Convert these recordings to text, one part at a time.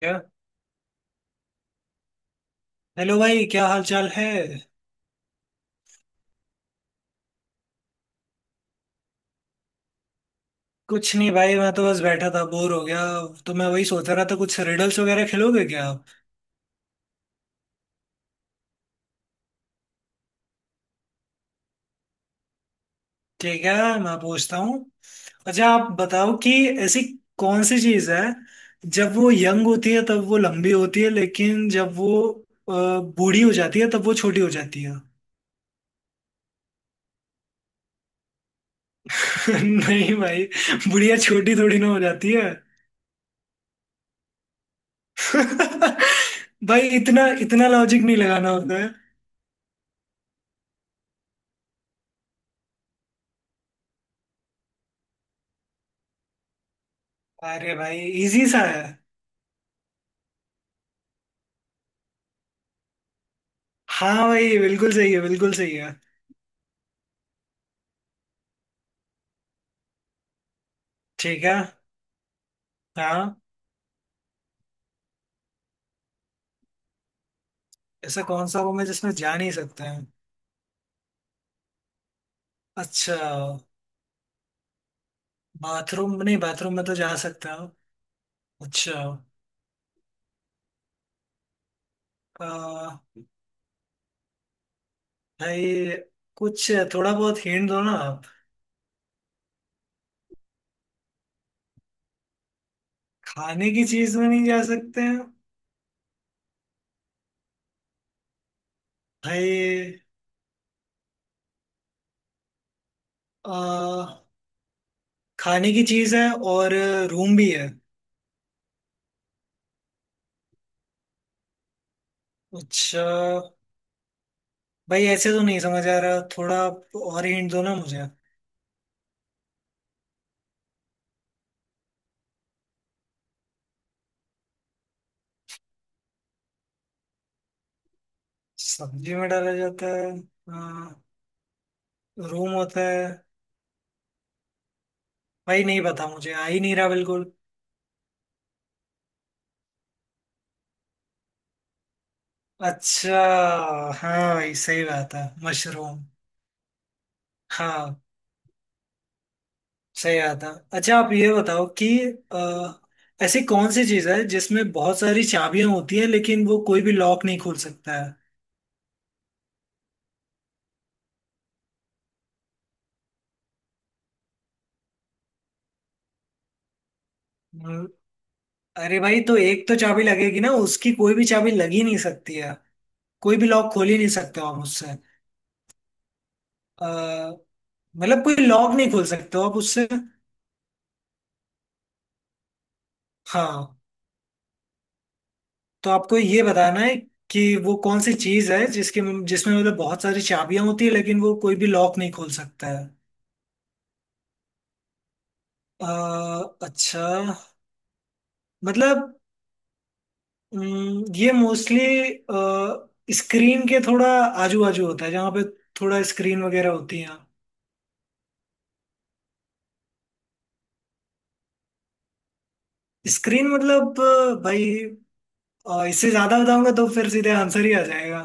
क्या। हेलो भाई, क्या हाल चाल है। कुछ नहीं भाई, मैं तो बस बैठा था, बोर हो गया। तो मैं वही सोच रहा था, कुछ रिडल्स वगैरह खेलोगे क्या आप। ठीक है, मैं पूछता हूँ। अच्छा आप बताओ कि ऐसी कौन सी चीज़ है, जब वो यंग होती है तब वो लंबी होती है, लेकिन जब वो अ, बूढ़ी हो जाती है तब वो छोटी हो जाती है। नहीं भाई, बुढ़िया छोटी थोड़ी ना हो जाती है। भाई, इतना इतना लॉजिक नहीं लगाना होता है। अरे भाई, इजी सा है। हाँ भाई, बिल्कुल सही है, बिल्कुल सही है। ठीक है। हाँ, ऐसा कौन सा रूम है जिसमें जा नहीं सकते हैं। अच्छा। बाथरूम? नहीं, बाथरूम में तो जा सकता हूँ। अच्छा, आ, भाई कुछ थोड़ा बहुत हिंट दो ना आप। खाने की चीज में नहीं जा सकते हैं? भाई, आ, खाने की चीज है और रूम भी है? अच्छा भाई, ऐसे तो नहीं समझ आ रहा, थोड़ा आप और हिंट दो ना मुझे। सब्जी में डाला जाता है, आ, रूम होता है। भाई नहीं पता, मुझे आ ही नहीं रहा बिल्कुल। अच्छा। हाँ भाई, सही बात है, मशरूम। हाँ, सही बात है। अच्छा आप ये बताओ कि ऐसी कौन सी चीज है जिसमें बहुत सारी चाबियां होती हैं लेकिन वो कोई भी लॉक नहीं खोल सकता है। हम्म, अरे भाई, तो एक तो चाबी लगेगी ना उसकी। कोई भी चाबी लग ही नहीं सकती है, कोई भी लॉक खोल ही नहीं सकते हो आप उससे। अ, मतलब कोई लॉक नहीं खोल सकते हो आप उससे। हाँ, तो आपको ये बताना है कि वो कौन सी चीज है जिसके जिसमें मतलब बहुत सारी चाबियां होती है लेकिन वो कोई भी लॉक नहीं खोल सकता है। अच्छा, मतलब ये मोस्टली स्क्रीन के थोड़ा आजू बाजू होता है, जहाँ पे थोड़ा स्क्रीन वगैरह होती है। स्क्रीन मतलब भाई, इससे ज्यादा बताऊंगा तो फिर सीधे आंसर ही आ जाएगा।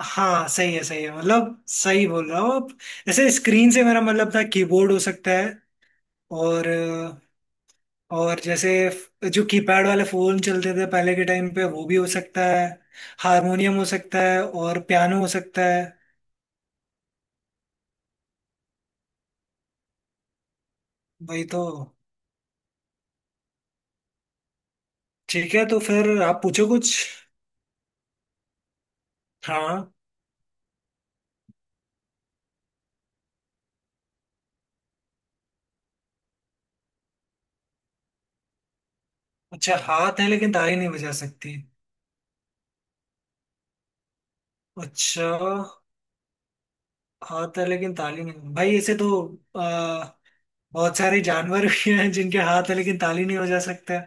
हाँ, सही है, सही है, मतलब सही बोल रहा हो आप। ऐसे स्क्रीन से मेरा मतलब था कीबोर्ड हो सकता है। और और जैसे जो कीपैड वाले फोन चलते थे पहले के टाइम पे, वो भी हो सकता है। हारमोनियम हो सकता है, और पियानो हो सकता है। वही तो। ठीक है, तो फिर आप पूछो कुछ। हाँ। अच्छा, हाथ है लेकिन ताली नहीं बजा सकती। अच्छा, हाथ है लेकिन ताली नहीं, भाई ऐसे तो आ, बहुत सारे जानवर भी हैं जिनके हाथ है लेकिन ताली नहीं बजा सकते।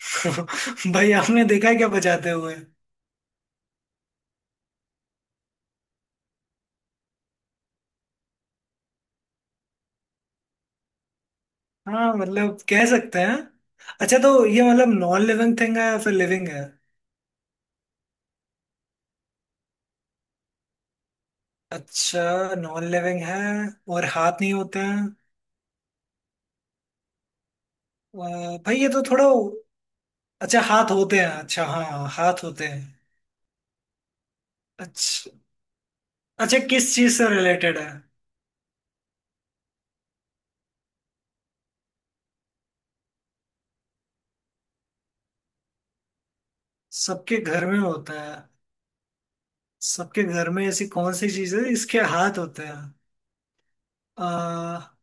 भाई, आपने देखा है क्या बजाते हुए। हाँ मतलब कह सकते हैं। अच्छा, तो ये मतलब नॉन लिविंग थिंग है या फिर लिविंग है। अच्छा, नॉन लिविंग है। और हाथ नहीं होते हैं? भाई ये तो थोड़ा। अच्छा हाथ होते हैं, अच्छा हाँ हाथ होते हैं। अच्छा। अच्छा, किस चीज से रिलेटेड है? सबके घर में होता है। सबके घर में ऐसी कौन सी चीज है इसके हाथ होते हैं? आ,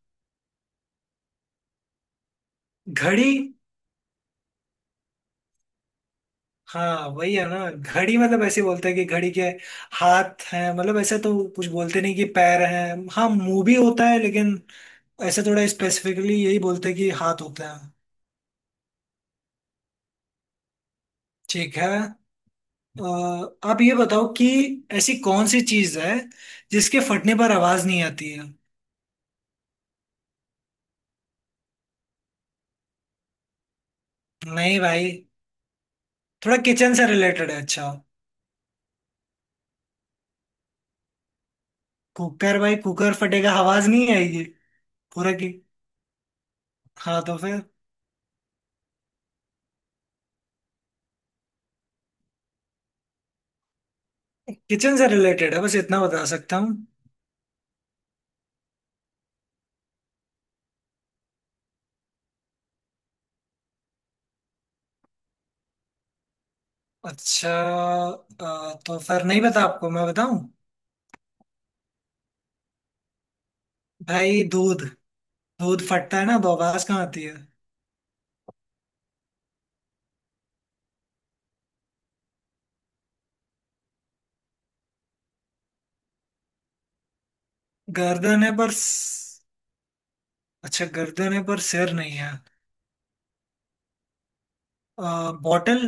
घड़ी। हाँ वही है ना, घड़ी। मतलब ऐसे बोलते हैं कि घड़ी के हाथ हैं, मतलब ऐसे तो कुछ बोलते नहीं कि पैर हैं। हाँ मुंह भी होता है, लेकिन ऐसे थोड़ा स्पेसिफिकली यही बोलते हैं कि हाथ होते हैं। ठीक है। अ, आप ये बताओ कि ऐसी कौन सी चीज है जिसके फटने पर आवाज नहीं आती है। नहीं भाई, थोड़ा किचन से रिलेटेड है। अच्छा। कुकर? भाई, कुकर फटेगा आवाज नहीं आएगी? पूरा की। हाँ तो फिर। किचन से रिलेटेड है, बस इतना बता सकता हूँ। अच्छा। तो फिर नहीं बता? आपको मैं बताऊं? भाई, दूध। दूध फटता है ना, तो आवाज कहाँ आती है। गर्दन है पर अच्छा, गर्दन है पर सिर नहीं है। बॉटल।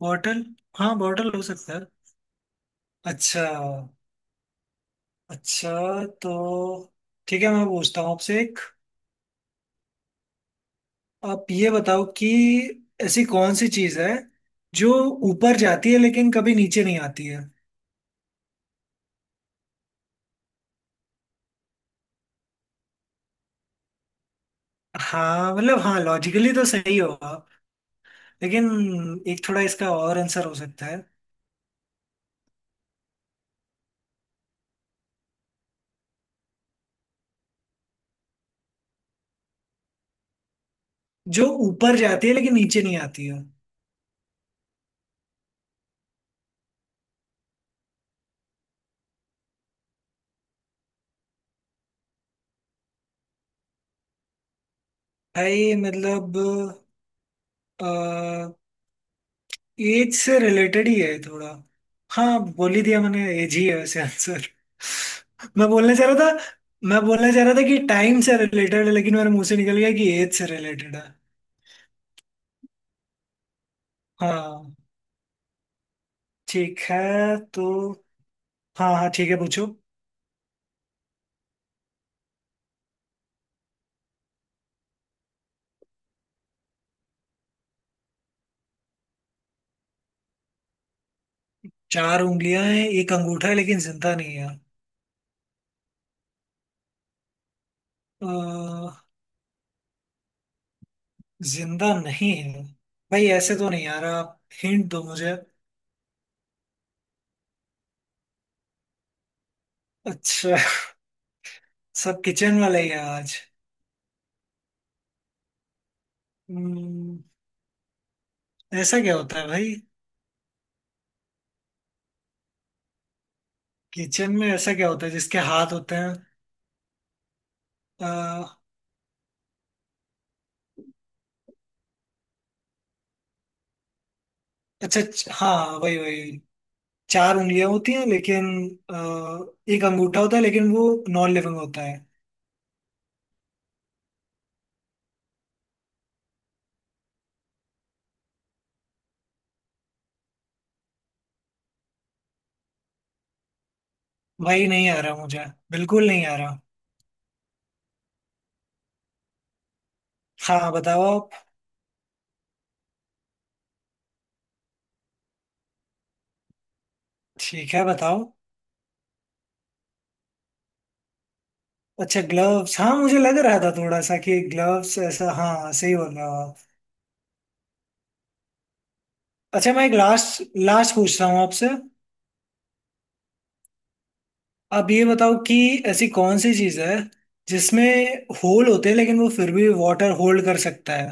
बॉटल। हाँ, बॉटल हो सकता है। अच्छा। अच्छा तो, ठीक है मैं पूछता हूँ आपसे एक। आप ये बताओ कि ऐसी कौन सी चीज़ है जो ऊपर जाती है लेकिन कभी नीचे नहीं आती है। हाँ मतलब, हाँ लॉजिकली तो सही हो आप, लेकिन एक थोड़ा इसका और आंसर हो सकता है। जो ऊपर जाती है लेकिन नीचे नहीं आती है। भाई मतलब, एज से रिलेटेड ही है थोड़ा। हाँ, बोल ही दिया मैंने, एज ही है वैसे आंसर। मैं बोलने चाह रहा था मैं बोलना चाह रहा था कि टाइम से रिलेटेड है, लेकिन मेरे मुंह से निकल गया कि एज से रिलेटेड है। हाँ। ठीक है तो। हाँ हाँ, ठीक है, पूछो। चार उंगलियां हैं, एक अंगूठा है, लेकिन जिंदा नहीं है। अ, जिंदा नहीं है, भाई ऐसे तो नहीं यार, आप हिंट दो मुझे। अच्छा। सब किचन वाला ही है आज। हम्म, ऐसा क्या होता है भाई। किचन में ऐसा क्या होता है जिसके हाथ होते हैं? अ, अच्छा, हाँ वही वही। चार उंगलियां होती हैं, लेकिन अ, एक अंगूठा होता है, लेकिन वो नॉन लिविंग होता है। भाई नहीं आ रहा मुझे, बिल्कुल नहीं आ रहा। हाँ बताओ आप। ठीक है, बताओ। अच्छा, ग्लव्स। हाँ मुझे लग रहा था थोड़ा सा कि ग्लव्स, ऐसा हाँ, सही बोल रहे हो आप। अच्छा, मैं एक लास्ट, लास्ट पूछ रहा हूँ आपसे। आप ये बताओ कि ऐसी कौन सी चीज़ है जिसमें होल होते हैं, लेकिन वो फिर भी वाटर होल्ड कर सकता है।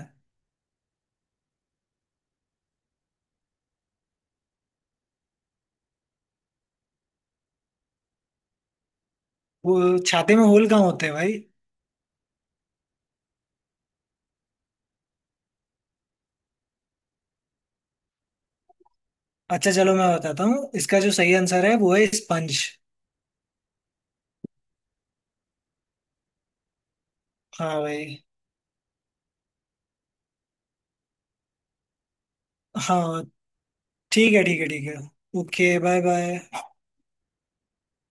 वो छाते में होल कहाँ होते हैं भाई। अच्छा चलो, मैं बताता हूँ, इसका जो सही आंसर है वो है स्पंज। हाँ भाई। हाँ, ठीक है, ठीक है, ठीक है। Okay, bye bye.